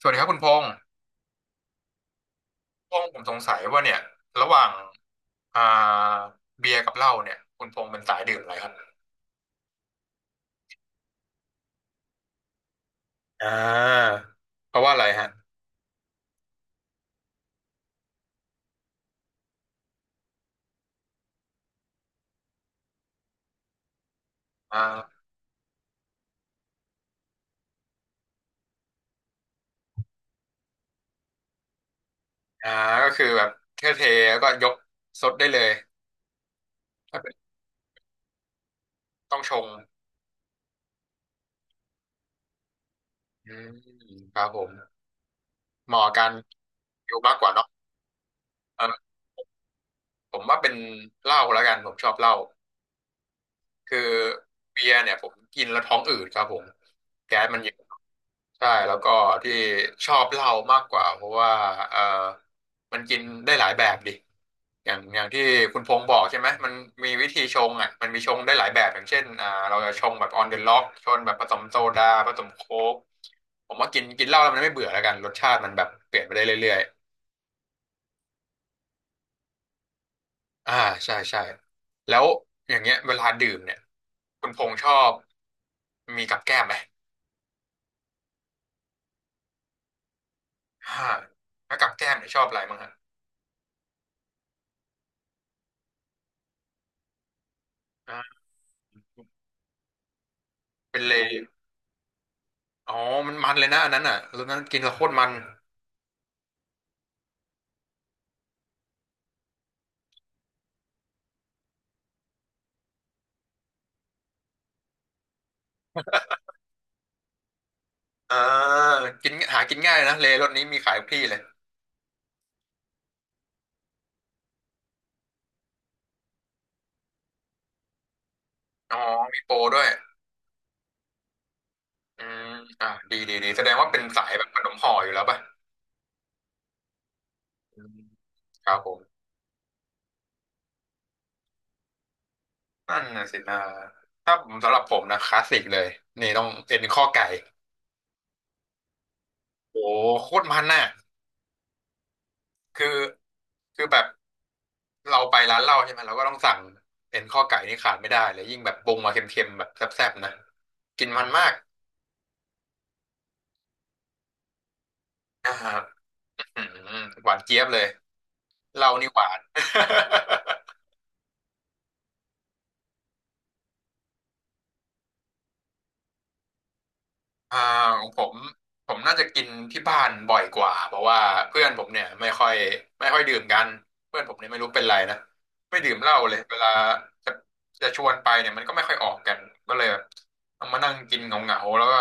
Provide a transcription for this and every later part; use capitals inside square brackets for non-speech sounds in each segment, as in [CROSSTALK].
สวัสดีครับคุณพงษ์พงษ์ผมสงสัยว่าเนี่ยระหว่างอ่าเบียร์กับเหล้าเนี่ยคุณพงษ์เป็นสายดื่มอะไรครับอ่าเพราะว่าอะไรฮะอ่าอ่าก็คือแบบเทแล้วก็ยกซดได้เลยถ้าเป็นต้องชงอืมครับผมเหมาะกับการอยู่มากกว่าเนาะเออผมว่าเป็นเหล้าแล้วกันผมชอบเหล้าคือเบียร์เนี่ยผมกินแล้วท้องอืดครับผมแก๊สมันเยอะ ใช่แล้วก็ที่ชอบเหล้ามากกว่าเพราะว่าเออมันกินได้หลายแบบดิอย่างที่คุณพงษ์บอกใช่ไหมมันมีวิธีชงอ่ะมันมีชงได้หลายแบบอย่างเช่นเราจะชงแบบ on the log ชงแบบผสมโซดาผสมโค้กผมว่ากินกินเหล้าแล้วมันไม่เบื่อแล้วกันรสชาติมันแบบเปลี่ยนไปได้เรื่อยๆใช่ใช่แล้วอย่างเงี้ยเวลาดื่มเนี่ยคุณพงษ์ชอบมีกับแก้มไหมอ่าแล้วกับแก้มเนี่ยชอบอะไรบ้างฮะอ่าเป็นเลย อ๋อมันมันเลยนะอันนั้นอ่ะรสนั้นกินแล้วโคตรมันอ่ากินหากินง่ายนะเลรสนี้มีขายทุกที่เลยอ๋อมีโปรด้วยอืมดีดีดีแสดงว่าเป็นสายแบบขนมห่ออยู่แล้วป่ะอืมครับผมนั่นน่ะสินะถ้าผมสำหรับผมนะคลาสสิกเลย นี่ต้องเอ็นข้อไก่โอ้โคตรมันน่ะคือคือแบบเราไปร้านเหล้าใช่ไหมเราก็ต้องสั่งเอ็นข้อไก่นี่ขาดไม่ได้เลยยิ่งแบบปรุงมาเค็มๆแบบแซ่บๆนะกินมันมากอ่าหอหวานเจี๊ยบเลย เรานี่หวาน [LAUGHS] อ่าของผมผมน่าจะกินที่บ้านบ่อยกว่าเพราะว่าเพื่อนผมเนี่ยไม่ค่อยดื่มกันเพื่อนผมเนี่ยไม่รู้เป็นไรนะไม่ดื่มเหล้าเลยเวลาจะจะชวนไปเนี่ยมันก็ไม่ค่อยออกกันก็เลยแบบต้องมานั่งกินเหงาๆแล้วก็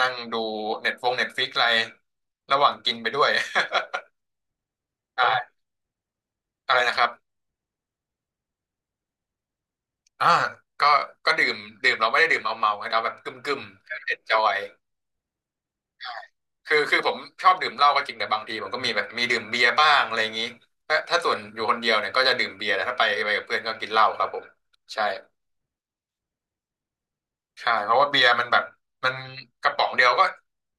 นั่งดูเน็ตฟงเน็ตฟิกอะไรระหว่างกินไปด้วย [LAUGHS] ใช่อะไรนะครับอ่าก็ก็ดื่มดื่มเราไม่ได้ดื่มเมาเมาเอาแบบกึ่มกึ่มเอนจอย คือผมชอบดื่มเหล้าก็จริงแต่บางทีผมก็มีแบบมีดื่มเบียร์บ้างอะไรอย่างนี้ถ้าส่วนอยู่คนเดียวเนี่ยก็จะดื่มเบียร์แต่ถ้าไปกับเพื่อนก็กินเหล้าครับผมใช่ใช่เพราะว่าเบียร์มันแบบมันกระป๋องเดียวก็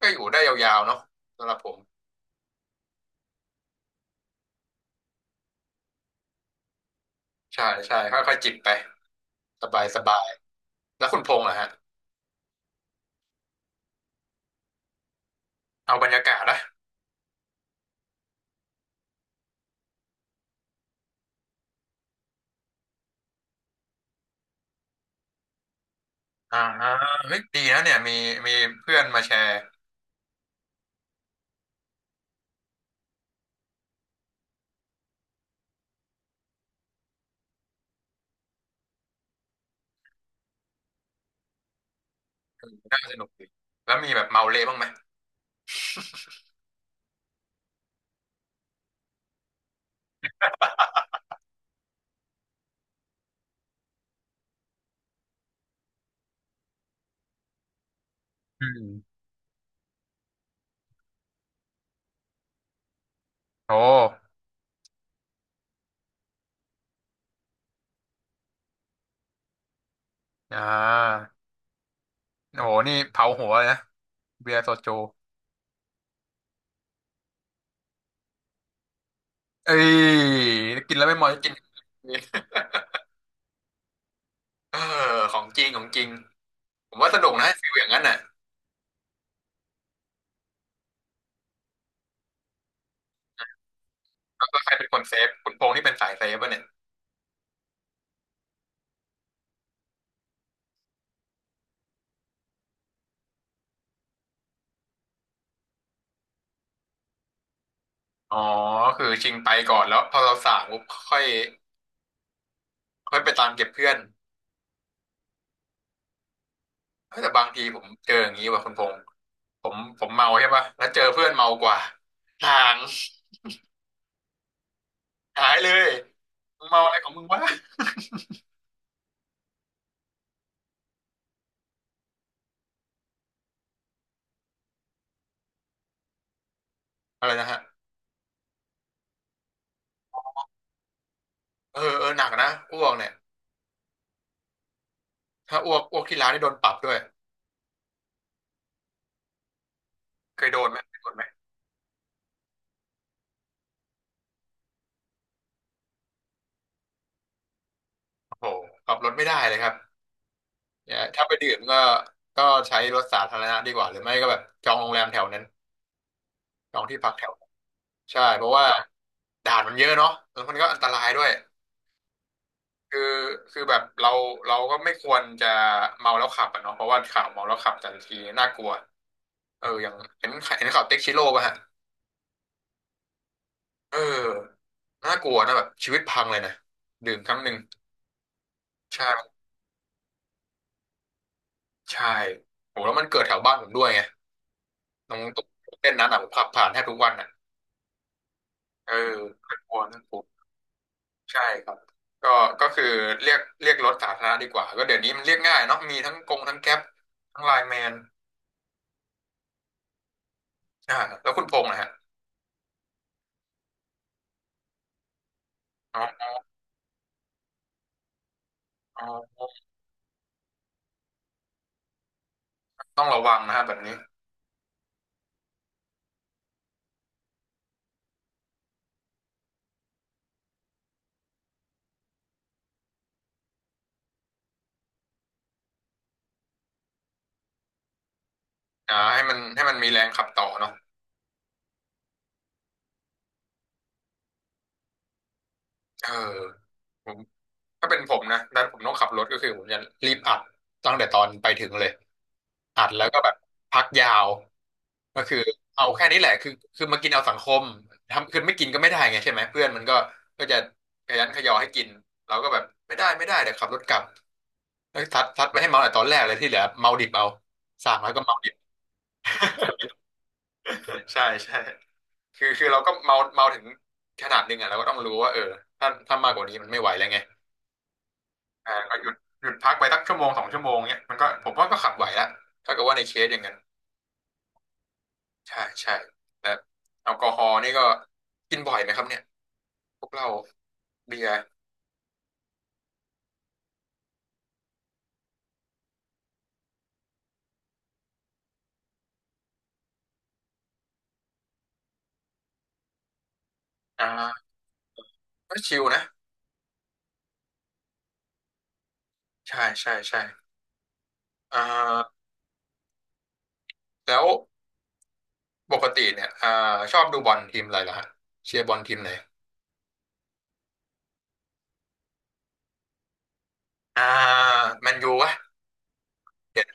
ก็อยู่ได้ยาวๆเนาะสำหรับผมใช่ใช่ค่อยๆจิบไปสบายสบายแล้วคุณพงษ์ล่ะฮะเอาบรรยากาศนะอ่าเฮ้ยดีนะเนี่ยมีมีเพื่อนมาแชร์น่าสนุกดีแล้วมีแบบเมาเละบ้างไหมอืมโอ้อ่าโอ้โหนี่เผาหัวเลยนะเบียร์โซจู เอ้ยกินแล้วไม่มอยกินเออของจริงของจริงผมว่าสนุกนะฟิลอย่างนั้นน่ะแล้วก็ใครเป็นคนเซฟคุณพงษ์ที่เป็นสายเซฟป่ะเนี่ยอ๋อคือชิงไปก่อนแล้วพอเราสั่งปุ๊บค่อยค่อยไปตามเก็บเพื่อนเฮ้ยแต่บางทีผมเจออย่างนี้ว่ะคุณพงษ์ผมเมาใช่ป่ะแล้วเจอเพื่อนเมากว่าห่างหายเลยมึงเมาอะไรของมึงวะอะไรนะฮะเออเออหนักนะอ้วกเนี่ยถ้าอ้วกที่ร้านนี่โดนปรับด้วยเคยโดนไหมเคยโดนไหมโอ้โหขับรถไม่ได้เลยครับ เนี่ยถ้าไปดื่มก็ก็ใช้รถสาธารณะดีกว่าหรือไม่ก็แบบจองโรงแรมแถวนั้นจองที่พักแถวนั้นใช่เพราะว่าด่านมันเยอะเนาะแล้วมันก็อันตรายด้วยคือคือแบบเราก็ไม่ควรจะเมาแล้วขับอะเนาะเพราะว่าข่าวเมาแล้วขับแต่ละทีน่ากลัวเอออย่างเห็นข่าวเต็กชิโร่ป่ะฮะเออน่ากลัวนะแบบชีวิตพังเลยนะดื่มครั้งหนึ่งใช่ใช่โหแล้วมันเกิดแถวบ้านผมด้วยไงตรงตรงเต้นนั้นอ่ะผมขับผ่านแทบทุกวันอ่ะเออน่ากลัวน่ากลัว ใช่ครับก็ก็คือเรียกรถสาธารณะดีกว่าก็เดี๋ยวนี้มันเรียกง่ายเนาะมีทั้งกงทั้งแก๊ปทั้งไลน์แมนอ่าแล้วคุณพงษ์นะฮะเนาะอ๋อต้องระวังนะฮะแบบนี้ให้มันมีแรงขับต่อเนาะเออ ถ้าเป็นผมนะถ้าผมต้องขับรถก็คือผมจะรีบอัดตั้งแต่ตอนไปถึงเลยอัดแล้วก็แบบพักยาวก็คือเอาแค่นี้แหละคือมากินเอาสังคมทำคือไม่กินก็ไม่ได้ไงใช่ไหมเพื่อนมันก็จะขยันขยอให้กินเราก็แบบไม่ได้ไม่ได้เดี๋ยวขับรถกลับแล้วทัดไปให้เมาแต่ตอนแรกเลยที่เหลือเมาดิบเอาสั่งแล้วก็เมาดิบ [LAUGHS] ใช่ใช่คือเราก็เมาเมาถึงขนาดหนึงอ่ะเราก็ต้องรู้ว่าเออถ้ามากกว่านี้มันไม่ไหวแล้วไง ก็หยุดพักไปสักชั่วโมงสองชั่วโมงเนี้ยมันก็ผมว่าก็ขับไหวละถ้าเกิดว่าในเคสอย่างนั้นใช่ใช่แล้วแอลกอฮอล์นี่ก็กินบ่อยไหมครับเนี่ยพวกเราเบียร์อ่าก็ชิลนะใช่ใช่ใช่อ่าแล้วปกติเนี่ยชอบดูบอลทีมอะไรเหรอฮะเชียร์บอลทีมไหนอ่าแมนยูวะเดี๋ยว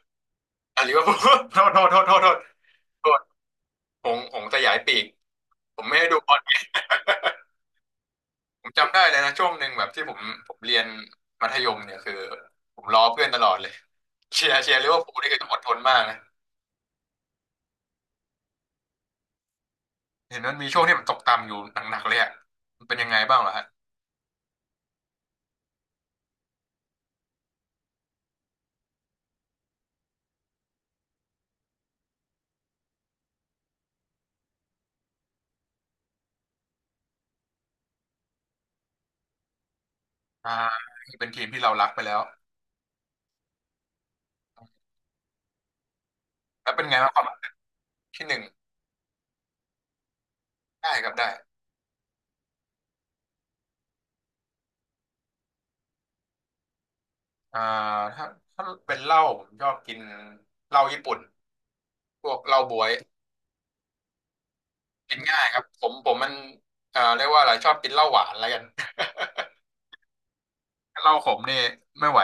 ลิเวอร์พูลโทษโทษโทษโทษโทษโทษหงสยายปีกผมไม่ได้ดูบอล ผมจำได้เลยนะช่วงหนึ่งแบบที่ผมเรียนมัธยมเนี่ยคือผมล้อเพื่อนตลอดเลยเชียร์ลิเวอร์พูลนี่คือต้องอดทนมากนะเห็นมันมีช่วงที่มันตกต่ำอยู่หนักๆเลยอะมันเป็นยังไงบ้างเหรอฮะอ่าเป็นทีมที่เรารักไปแล้วแล้วเป็นไงบ้างความที่หนึ่งได้ครับได้อ่าถ้าถ้าเป็นเหล้าผมชอบกินเหล้าญี่ปุ่นพวกเหล้าบ๊วยกินง่ายครับผมมันเรียกว่าอะไรชอบกินเหล้าหวานแล้วกัน [LAUGHS] เหล้าขมนี่ไม่ไหว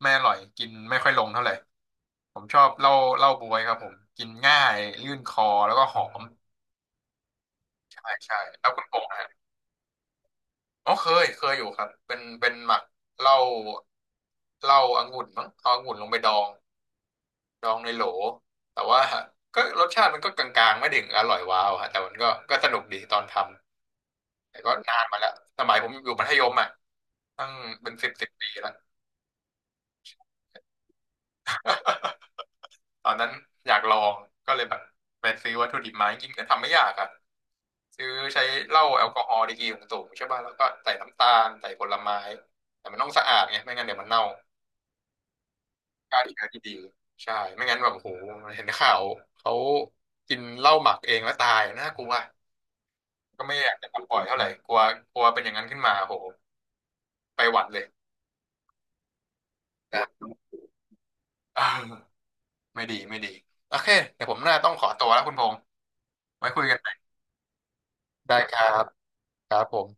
ไม่อร่อยกินไม่ค่อยลงเท่าไหร่ ผมชอบเหล้าบ๊วยครับผมกินง่ายลื่นคอแล้วก็หอมใช่ใช่แล้วคุณพงษ์ะฮะอ๋อเคยอยู่ครับเป็นหมักเหล้าเหล้าองุ่นมั้งเอาองุ่นลงไปดองดองในโหลแต่ว่า [LAUGHS] ก็รสชาติมันก็กลางๆไม่ถึงอร่อยว้าวฮะแต่มันก็สนุกดีตอนทำแต่ก็นานมาแล้วสมัยผมอยู่มัธยมอ่ะตั้งเป็นสิบสิบปีแล้ว [LAUGHS] ตอนนั้นอยากลองก็เลยแบบไปซื้อวัตถุดิบมาจริงๆก็ทำไม่ยากอ่ะซื้อใช้เหล้าแอลกอฮอล์ดีกรีสูงๆใช่ป่ะแล้วก็ใส่น้ำตาลใส่ผลไม้แต่มันต้องสะอาดไงไม่งั้นเดี๋ยวมันเน่าฆ่าเชื้อที่ดีใช่ไม่งั้นแบบโอ้โหเห็นข่าวเขากินเหล้าหมักเองแล้วตายน่ากลัวก็ไม่อยากจะทำบ่อยเท่าไหร่กลัวกลัวเป็นอย่างนั้นขึ้นมาโอ้โหไปหวัดเลย [LAUGHS] นะเออไม่ดีไม่ดีโอเคเดี๋ยวผมน่าต้องขอตัวแล้วคุณพงษ์ไว้คุยกันใหม่ได้ครับครับผม